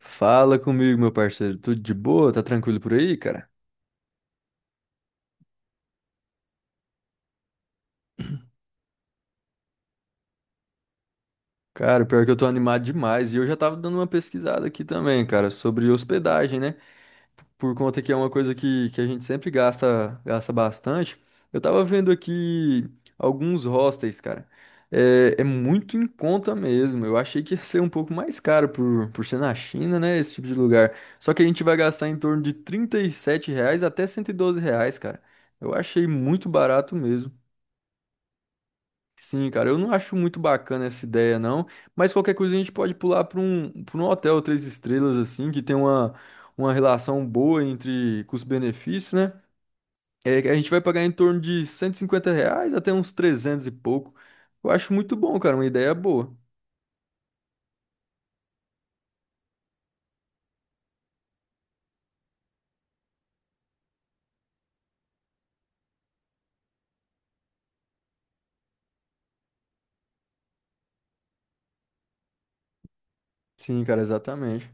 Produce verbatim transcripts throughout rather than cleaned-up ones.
Fala comigo, meu parceiro. Tudo de boa? Tá tranquilo por aí, cara? Cara, pior que eu tô animado demais. E eu já tava dando uma pesquisada aqui também, cara, sobre hospedagem, né? Por conta que é uma coisa que, que a gente sempre gasta, gasta bastante. Eu tava vendo aqui alguns hostels, cara. É, é muito em conta mesmo. Eu achei que ia ser um pouco mais caro por, por ser na China, né? Esse tipo de lugar. Só que a gente vai gastar em torno de trinta e sete reais até cento e doze reais, cara. Eu achei muito barato mesmo. Sim, cara, eu não acho muito bacana essa ideia, não. Mas qualquer coisa a gente pode pular para um, para um hotel três estrelas, assim, que tem uma, uma relação boa entre custo-benefício, né? É, que a gente vai pagar em torno de cento e cinquenta reais até uns trezentos e pouco. Eu acho muito bom, cara, uma ideia boa. Sim, cara, exatamente.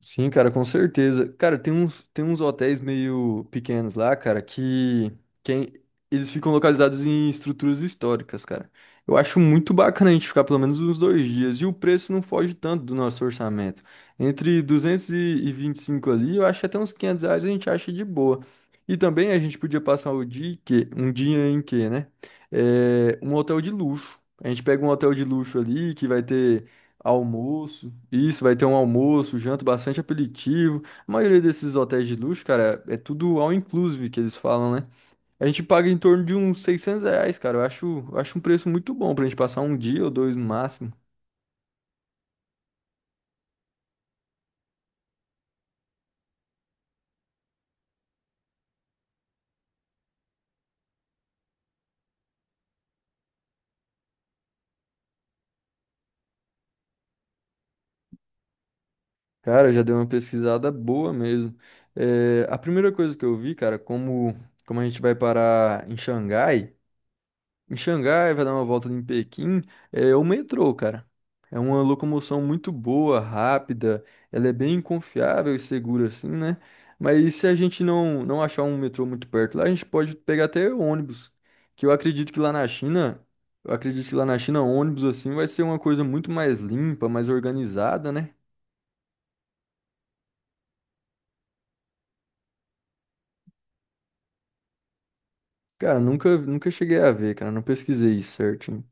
Sim, cara, com certeza. Cara, tem uns, tem uns hotéis meio pequenos lá, cara, que, que é- eles ficam localizados em estruturas históricas, cara. Eu acho muito bacana a gente ficar pelo menos uns dois dias. E o preço não foge tanto do nosso orçamento. Entre duzentos e e vinte e cinco ali, eu acho que até uns quinhentos reais a gente acha de boa. E também a gente podia passar o dia, em que, um dia em que, né? É, um hotel de luxo. A gente pega um hotel de luxo ali que vai ter. Almoço. Isso, vai ter um almoço, janta, bastante aperitivo. A maioria desses hotéis de luxo, cara, é tudo all inclusive que eles falam, né? A gente paga em torno de uns seiscentos reais, cara. Eu acho, eu acho um preço muito bom pra gente passar um dia ou dois no máximo. Cara, já deu uma pesquisada boa mesmo. É, a primeira coisa que eu vi, cara, como, como a gente vai parar em Xangai. Em Xangai, vai dar uma volta em Pequim, é é o metrô, cara. É uma locomoção muito boa, rápida, ela é bem confiável e segura assim, né? Mas se a gente não, não achar um metrô muito perto lá, a gente pode pegar até ônibus, que eu acredito que lá na China, eu acredito que lá na China ônibus assim vai ser uma coisa muito mais limpa, mais organizada, né? Cara, nunca nunca cheguei a ver, cara, não pesquisei isso certinho.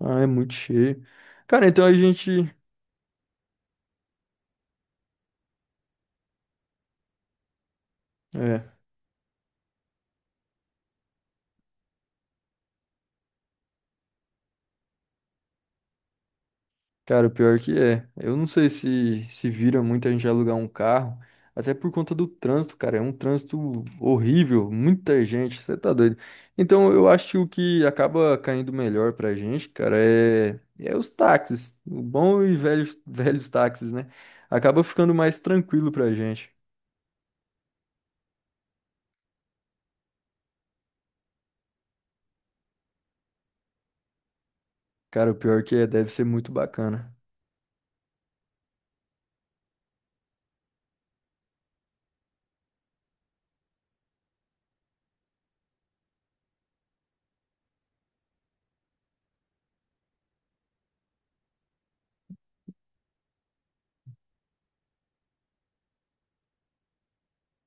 Ah, é muito cheio. Cara, então a gente é. Cara, o pior que é. Eu não sei se se vira muita gente alugar um carro, até por conta do trânsito, cara. É um trânsito horrível, muita gente, você tá doido. Então, eu acho que o que acaba caindo melhor pra gente, cara, é, é os táxis. O bom e velho, velhos táxis, né? Acaba ficando mais tranquilo pra gente. Cara, o pior que é, deve ser muito bacana.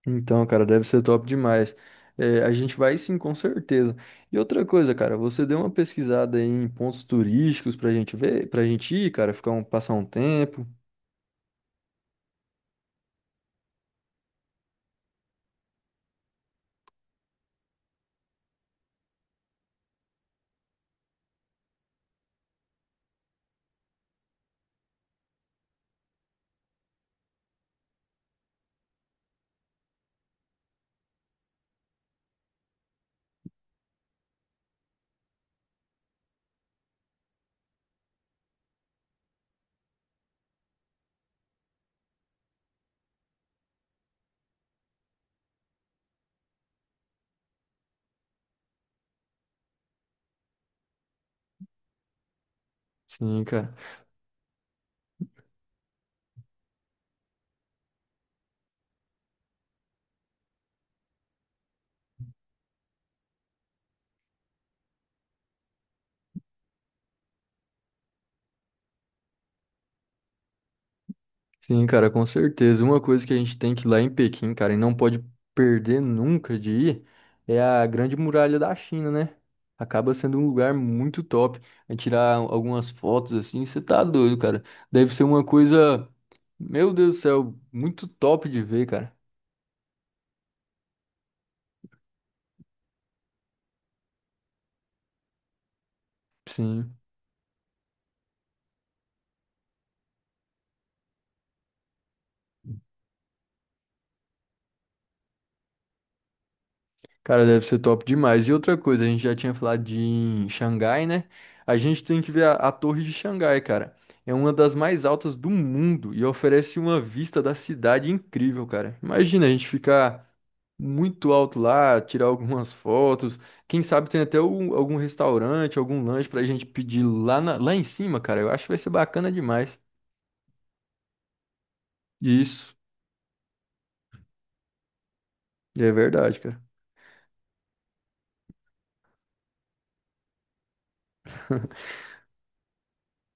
Então, cara, deve ser top demais. É, a gente vai sim, com certeza. E outra coisa, cara, você deu uma pesquisada aí em pontos turísticos pra gente ver, pra gente ir, cara, ficar um, passar um tempo. Sim, cara. Sim, cara, com certeza. Uma coisa que a gente tem que ir lá em Pequim, cara, e não pode perder nunca de ir, é a Grande Muralha da China, né? Acaba sendo um lugar muito top. É tirar algumas fotos assim, você tá doido, cara. Deve ser uma coisa, meu Deus do céu, muito top de ver, cara. Sim, cara, deve ser top demais. E outra coisa, a gente já tinha falado de em Xangai, né? A gente tem que ver a, a Torre de Xangai, cara. É uma das mais altas do mundo e oferece uma vista da cidade incrível, cara. Imagina a gente ficar muito alto lá, tirar algumas fotos. Quem sabe tem até um- algum restaurante, algum lanche pra gente pedir lá, na- lá em cima, cara. Eu acho que vai ser bacana demais. Isso, é verdade, cara.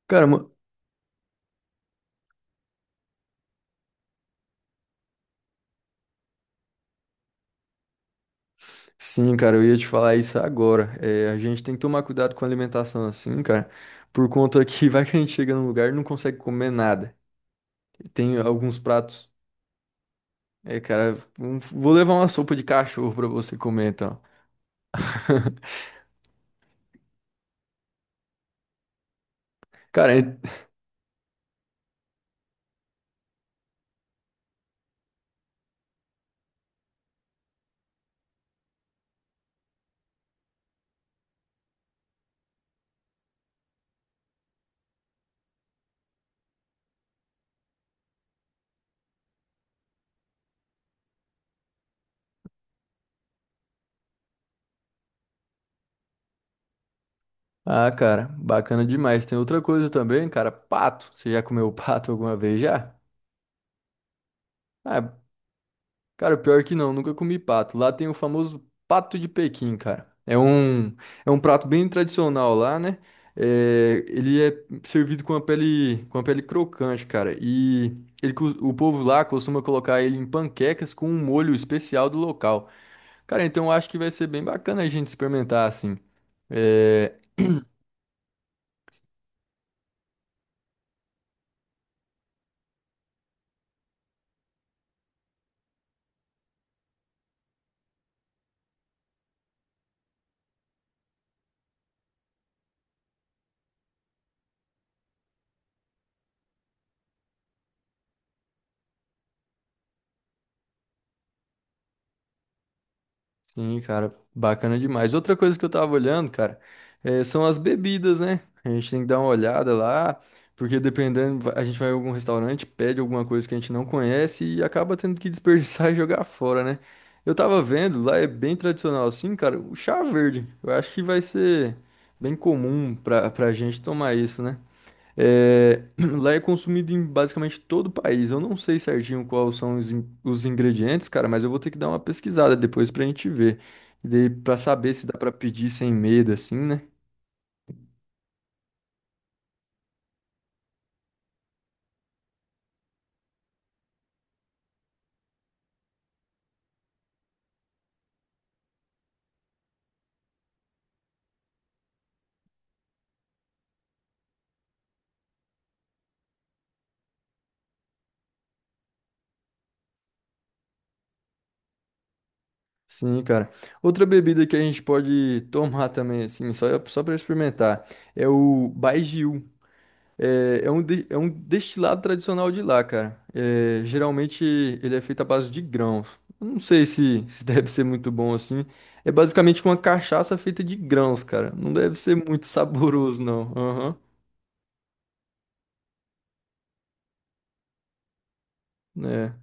Cara, sim, cara, eu ia te falar isso agora. É, a gente tem que tomar cuidado com a alimentação assim, cara, por conta que vai que a gente chega num lugar e não consegue comer nada. Tem alguns pratos. É, cara, um- vou levar uma sopa de cachorro pra você comer, então. Cara, e- ah, cara, bacana demais. Tem outra coisa também, cara, pato. Você já comeu pato alguma vez já? Ah, cara, pior que não, nunca comi pato. Lá tem o famoso pato de Pequim, cara. É um, é um prato bem tradicional lá, né? É, ele é servido com a pele, com a pele crocante, cara. E ele, cos- o povo lá costuma colocar ele em panquecas com um molho especial do local. Cara, então eu acho que vai ser bem bacana a gente experimentar assim. É, sim, cara, bacana demais. Outra coisa que eu tava olhando, cara, eh, são as bebidas, né? A gente tem que dar uma olhada lá, porque dependendo, va- a gente vai em algum restaurante, pede alguma coisa que a gente não conhece e acaba tendo que desperdiçar e jogar fora, né? Eu tava vendo, lá é bem tradicional assim, cara, o chá verde. Eu acho que vai ser bem comum pra, pra gente tomar isso, né? É, lá é consumido em basicamente todo o país. Eu não sei certinho quais são os, in- os ingredientes, cara, mas eu vou ter que dar uma pesquisada depois pra gente ver. E daí pra saber se dá pra pedir sem medo, assim, né? Sim, cara. Outra bebida que a gente pode tomar também, assim, só, só para experimentar, é o baijiu. É, é um, de- é um destilado tradicional de lá, cara. É, geralmente ele é feito à base de grãos. Eu não sei se, se deve ser muito bom assim. É basicamente uma cachaça feita de grãos, cara. Não deve ser muito saboroso, não. Aham. É.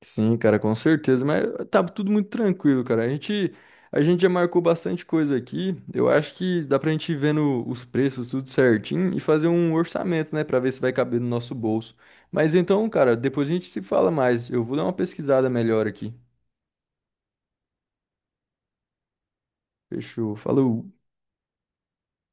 Sim, cara, com certeza, mas tá tudo muito tranquilo, cara. A gente, a gente já marcou bastante coisa aqui. Eu acho que dá pra gente ir vendo os preços tudo certinho e fazer um orçamento, né, pra ver se vai caber no nosso bolso. Mas então, cara, depois a gente se fala mais. Eu vou dar uma pesquisada melhor aqui. Fechou. Falou.